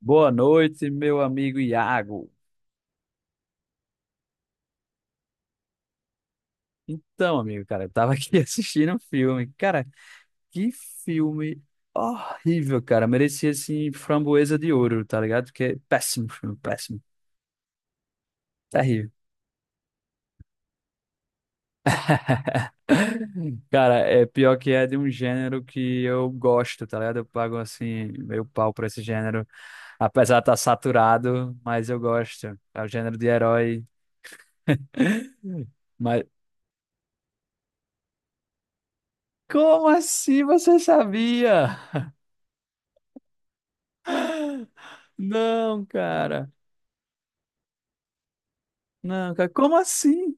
Boa noite, meu amigo Iago. Então, amigo, cara, eu tava aqui assistindo um filme. Cara, que filme horrível, cara. Merecia, assim, Framboesa de Ouro, tá ligado? Porque é péssimo filme, péssimo. Terrível. Cara, é pior que é de um gênero que eu gosto, tá ligado? Eu pago, assim, meio pau pra esse gênero. Apesar de estar saturado, mas eu gosto. É o gênero de herói. Mas como assim você sabia? Não, cara. Não, cara, como assim?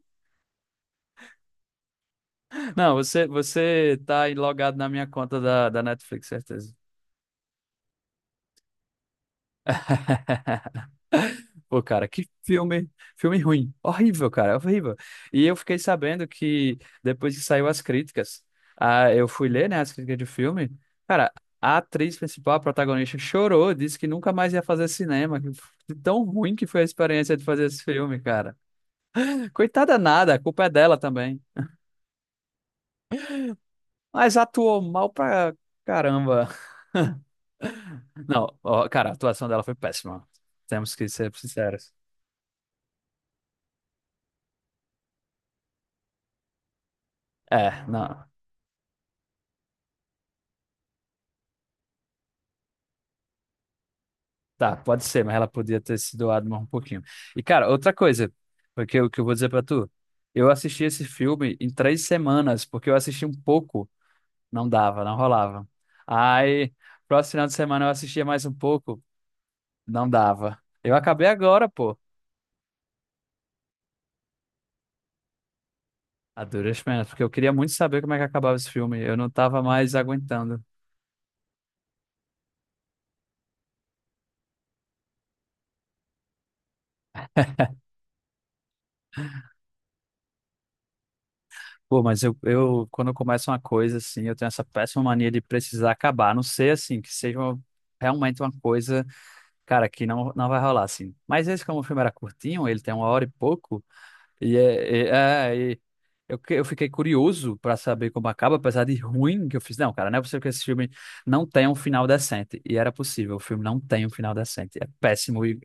Não, você tá aí logado na minha conta da Netflix, certeza. Pô, cara, que filme, filme ruim. Horrível, cara, horrível. E eu fiquei sabendo que depois que saiu as críticas, ah, eu fui ler, né, as críticas de filme. Cara, a atriz principal, a protagonista, chorou, disse que nunca mais ia fazer cinema. Que de tão ruim que foi a experiência de fazer esse filme, cara. Coitada nada, a culpa é dela também. Mas atuou mal pra caramba. Não, ó, cara, a atuação dela foi péssima. Temos que ser sinceros. É, não. Tá, pode ser, mas ela podia ter se doado mais um pouquinho. E, cara, outra coisa, porque o que eu vou dizer pra tu, eu assisti esse filme em três semanas, porque eu assisti um pouco, não dava, não rolava. Aí, próximo final de semana eu assistia mais um pouco, não dava. Eu acabei agora, pô, a duras penas, porque eu queria muito saber como é que acabava esse filme. Eu não tava mais aguentando. Pô, mas eu, quando eu começo uma coisa assim, eu tenho essa péssima mania de precisar acabar. A não ser assim, que seja realmente uma coisa, cara, que não, não vai rolar assim. Mas esse, como o filme era curtinho, ele tem uma hora e pouco, e e eu fiquei curioso pra saber como acaba, apesar de ruim que eu fiz. Não, cara, não é possível que esse filme não tenha um final decente. E era possível, o filme não tem um final decente. É péssimo. E,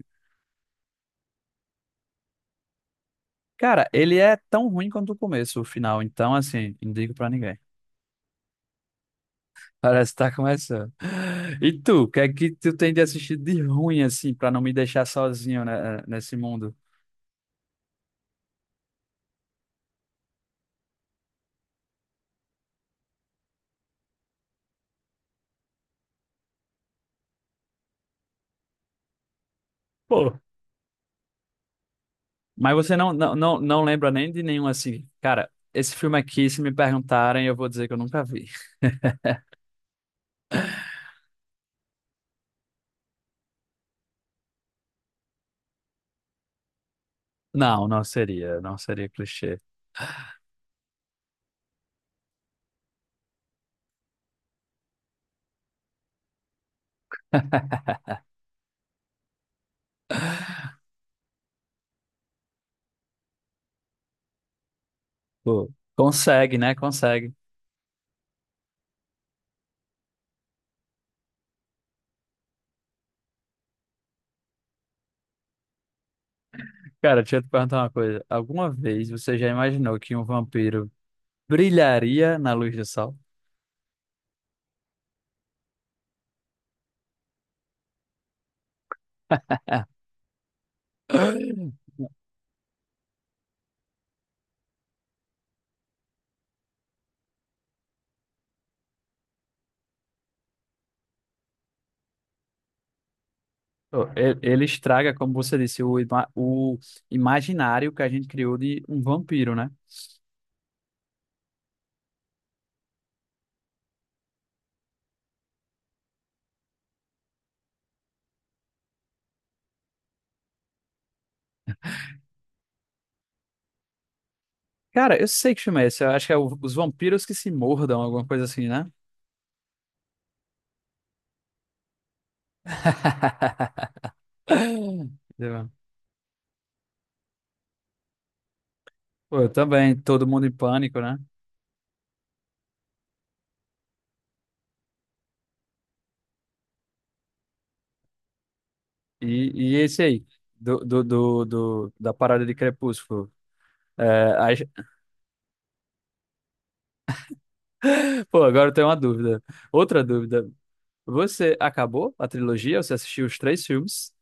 cara, ele é tão ruim quanto o começo, o final. Então, assim, não digo pra ninguém. Parece que tá começando. E tu, o que é que tu tem de assistido de ruim, assim, pra não me deixar sozinho, né, nesse mundo? Pô, mas você não lembra nem de nenhum, assim. Cara, esse filme aqui, se me perguntarem, eu vou dizer que eu nunca vi. Não, não seria, não seria clichê. Pô, consegue, né? Consegue. Cara, deixa eu te perguntar uma coisa. Alguma vez você já imaginou que um vampiro brilharia na luz do sol? Oh, ele estraga, como você disse, o, o imaginário que a gente criou de um vampiro, né? Cara, eu sei que filme é esse. Eu acho que é Os Vampiros que se Mordam, alguma coisa assim, né? Entendeu? Pô, eu também, Todo Mundo em Pânico, né? E esse aí, da parada de Crepúsculo. É, aí- Pô, agora eu tenho uma dúvida. Outra dúvida. Você acabou a trilogia? Você assistiu os três filmes?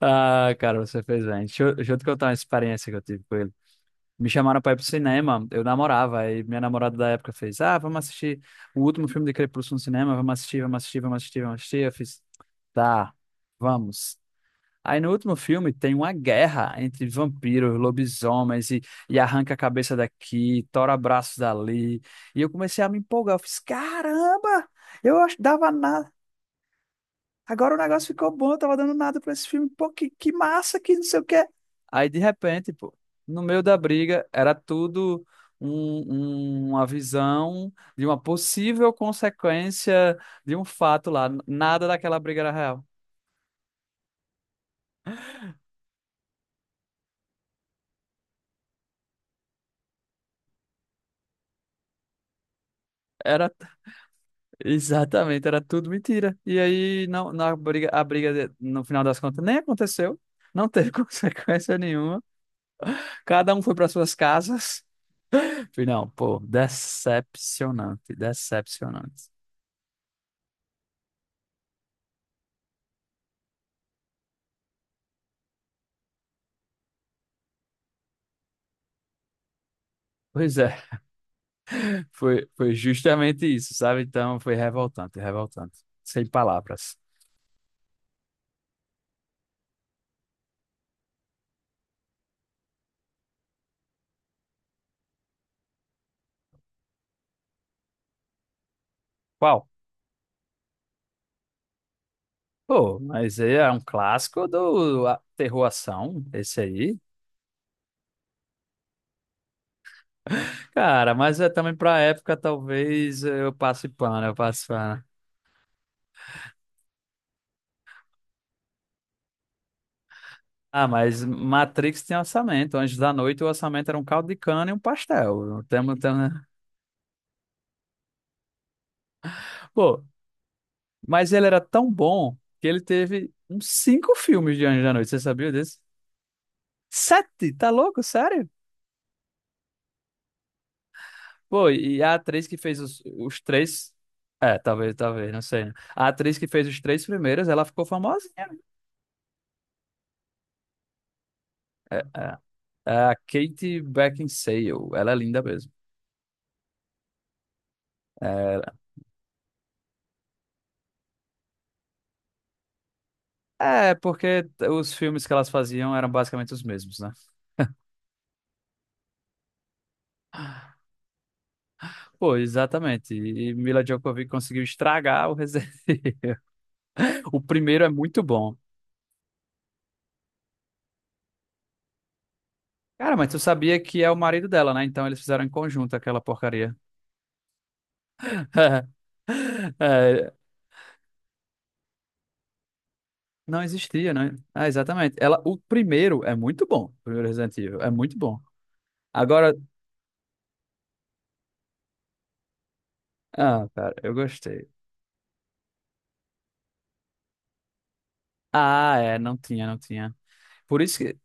Ah, cara, você fez bem. Deixa eu te contar uma experiência que eu tive com ele. Me chamaram pra ir pro cinema, eu namorava, aí minha namorada da época fez: Ah, vamos assistir o último filme de Crepúsculo no cinema, vamos assistir, vamos assistir, vamos assistir, vamos assistir. Eu fiz: Tá, vamos. Aí no último filme tem uma guerra entre vampiros, lobisomens e arranca a cabeça daqui, tora braços dali. E eu comecei a me empolgar, eu fiz: Caramba! Dava nada. Agora o negócio ficou bom, eu tava dando nada pra esse filme. Pô, que massa, que não sei o quê. Aí, de repente, pô, no meio da briga, era tudo um- uma visão de uma possível consequência de um fato lá. Nada daquela briga era real. Era exatamente, era tudo mentira. E aí, não, na briga, a briga, no final das contas, nem aconteceu. Não teve consequência nenhuma. Cada um foi para suas casas. Falei: Não, pô, decepcionante, decepcionante. Pois é, foi, foi justamente isso, sabe? Então foi revoltante, revoltante. Sem palavras. Qual? Pô, mas aí é um clássico do terror ação, esse aí. Cara, mas é também pra época, talvez eu passe pano, eu passe pano. Ah, mas Matrix tem orçamento. Antes da Noite, o orçamento era um caldo de cana e um pastel. Temos, temos... Pô, mas ele era tão bom que ele teve uns cinco filmes de Antes da Noite. Você sabia disso? Sete? Tá louco? Sério? Pô, e a atriz que fez os três. É, talvez, talvez, não sei, né? A atriz que fez os três primeiros, ela ficou famosinha, né? É, é, é a Kate Beckinsale. Ela é linda mesmo. É, é, porque os filmes que elas faziam eram basicamente os mesmos, né? Pô, exatamente. E Mila Djokovic conseguiu estragar o Resident Evil. O primeiro é muito bom. Cara, mas tu sabia que é o marido dela, né? Então eles fizeram em conjunto aquela porcaria. É, não existia, né? Ah, exatamente. Ela, o primeiro é muito bom. O primeiro Resident Evil é muito bom. Agora, ah, cara, eu gostei. Ah, é, não tinha. Por isso que,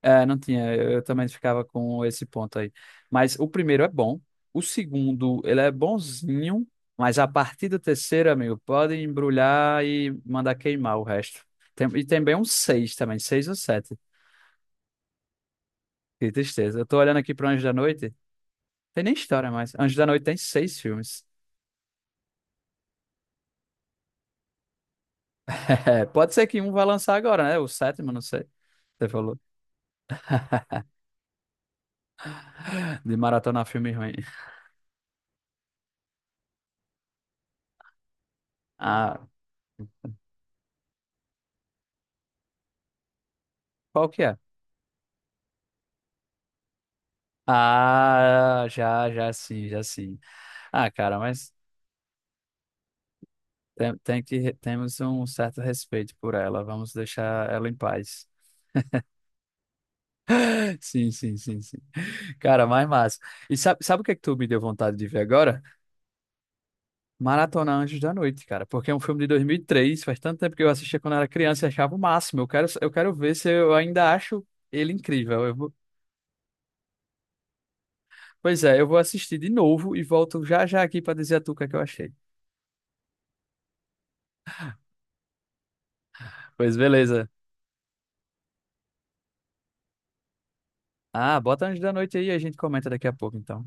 é, não tinha. Eu também ficava com esse ponto aí. Mas o primeiro é bom. O segundo, ele é bonzinho. Mas a partir do terceiro, amigo, pode embrulhar e mandar queimar o resto. E tem bem um seis também, seis ou sete. Que tristeza. Eu tô olhando aqui pro Anjo da Noite. Tem nem história mais. Anjo da Noite tem seis filmes. É, pode ser que um vai lançar agora, né? O sétimo, não sei. Você falou de maratona filme ruim. Ah, qual que é? Ah, já sim, já sim. Ah, cara, mas temos um certo respeito por ela. Vamos deixar ela em paz. Sim, sim, sim, sim. Cara, mais massa. E sabe o que é que tu me deu vontade de ver agora? Maratona Anjos da Noite, cara. Porque é um filme de 2003. Faz tanto tempo que eu assistia quando era criança e achava o máximo. Eu quero ver se eu ainda acho ele incrível. Pois é, eu vou assistir de novo e volto já já aqui pra dizer a tu o que é que eu achei. Pois beleza. Ah, bota Antes da Noite aí e a gente comenta daqui a pouco, então.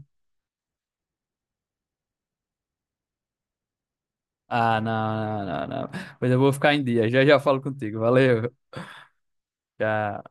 Ah, não, não, não, não. Pois eu vou ficar em dia. Já já falo contigo. Valeu. Tchau.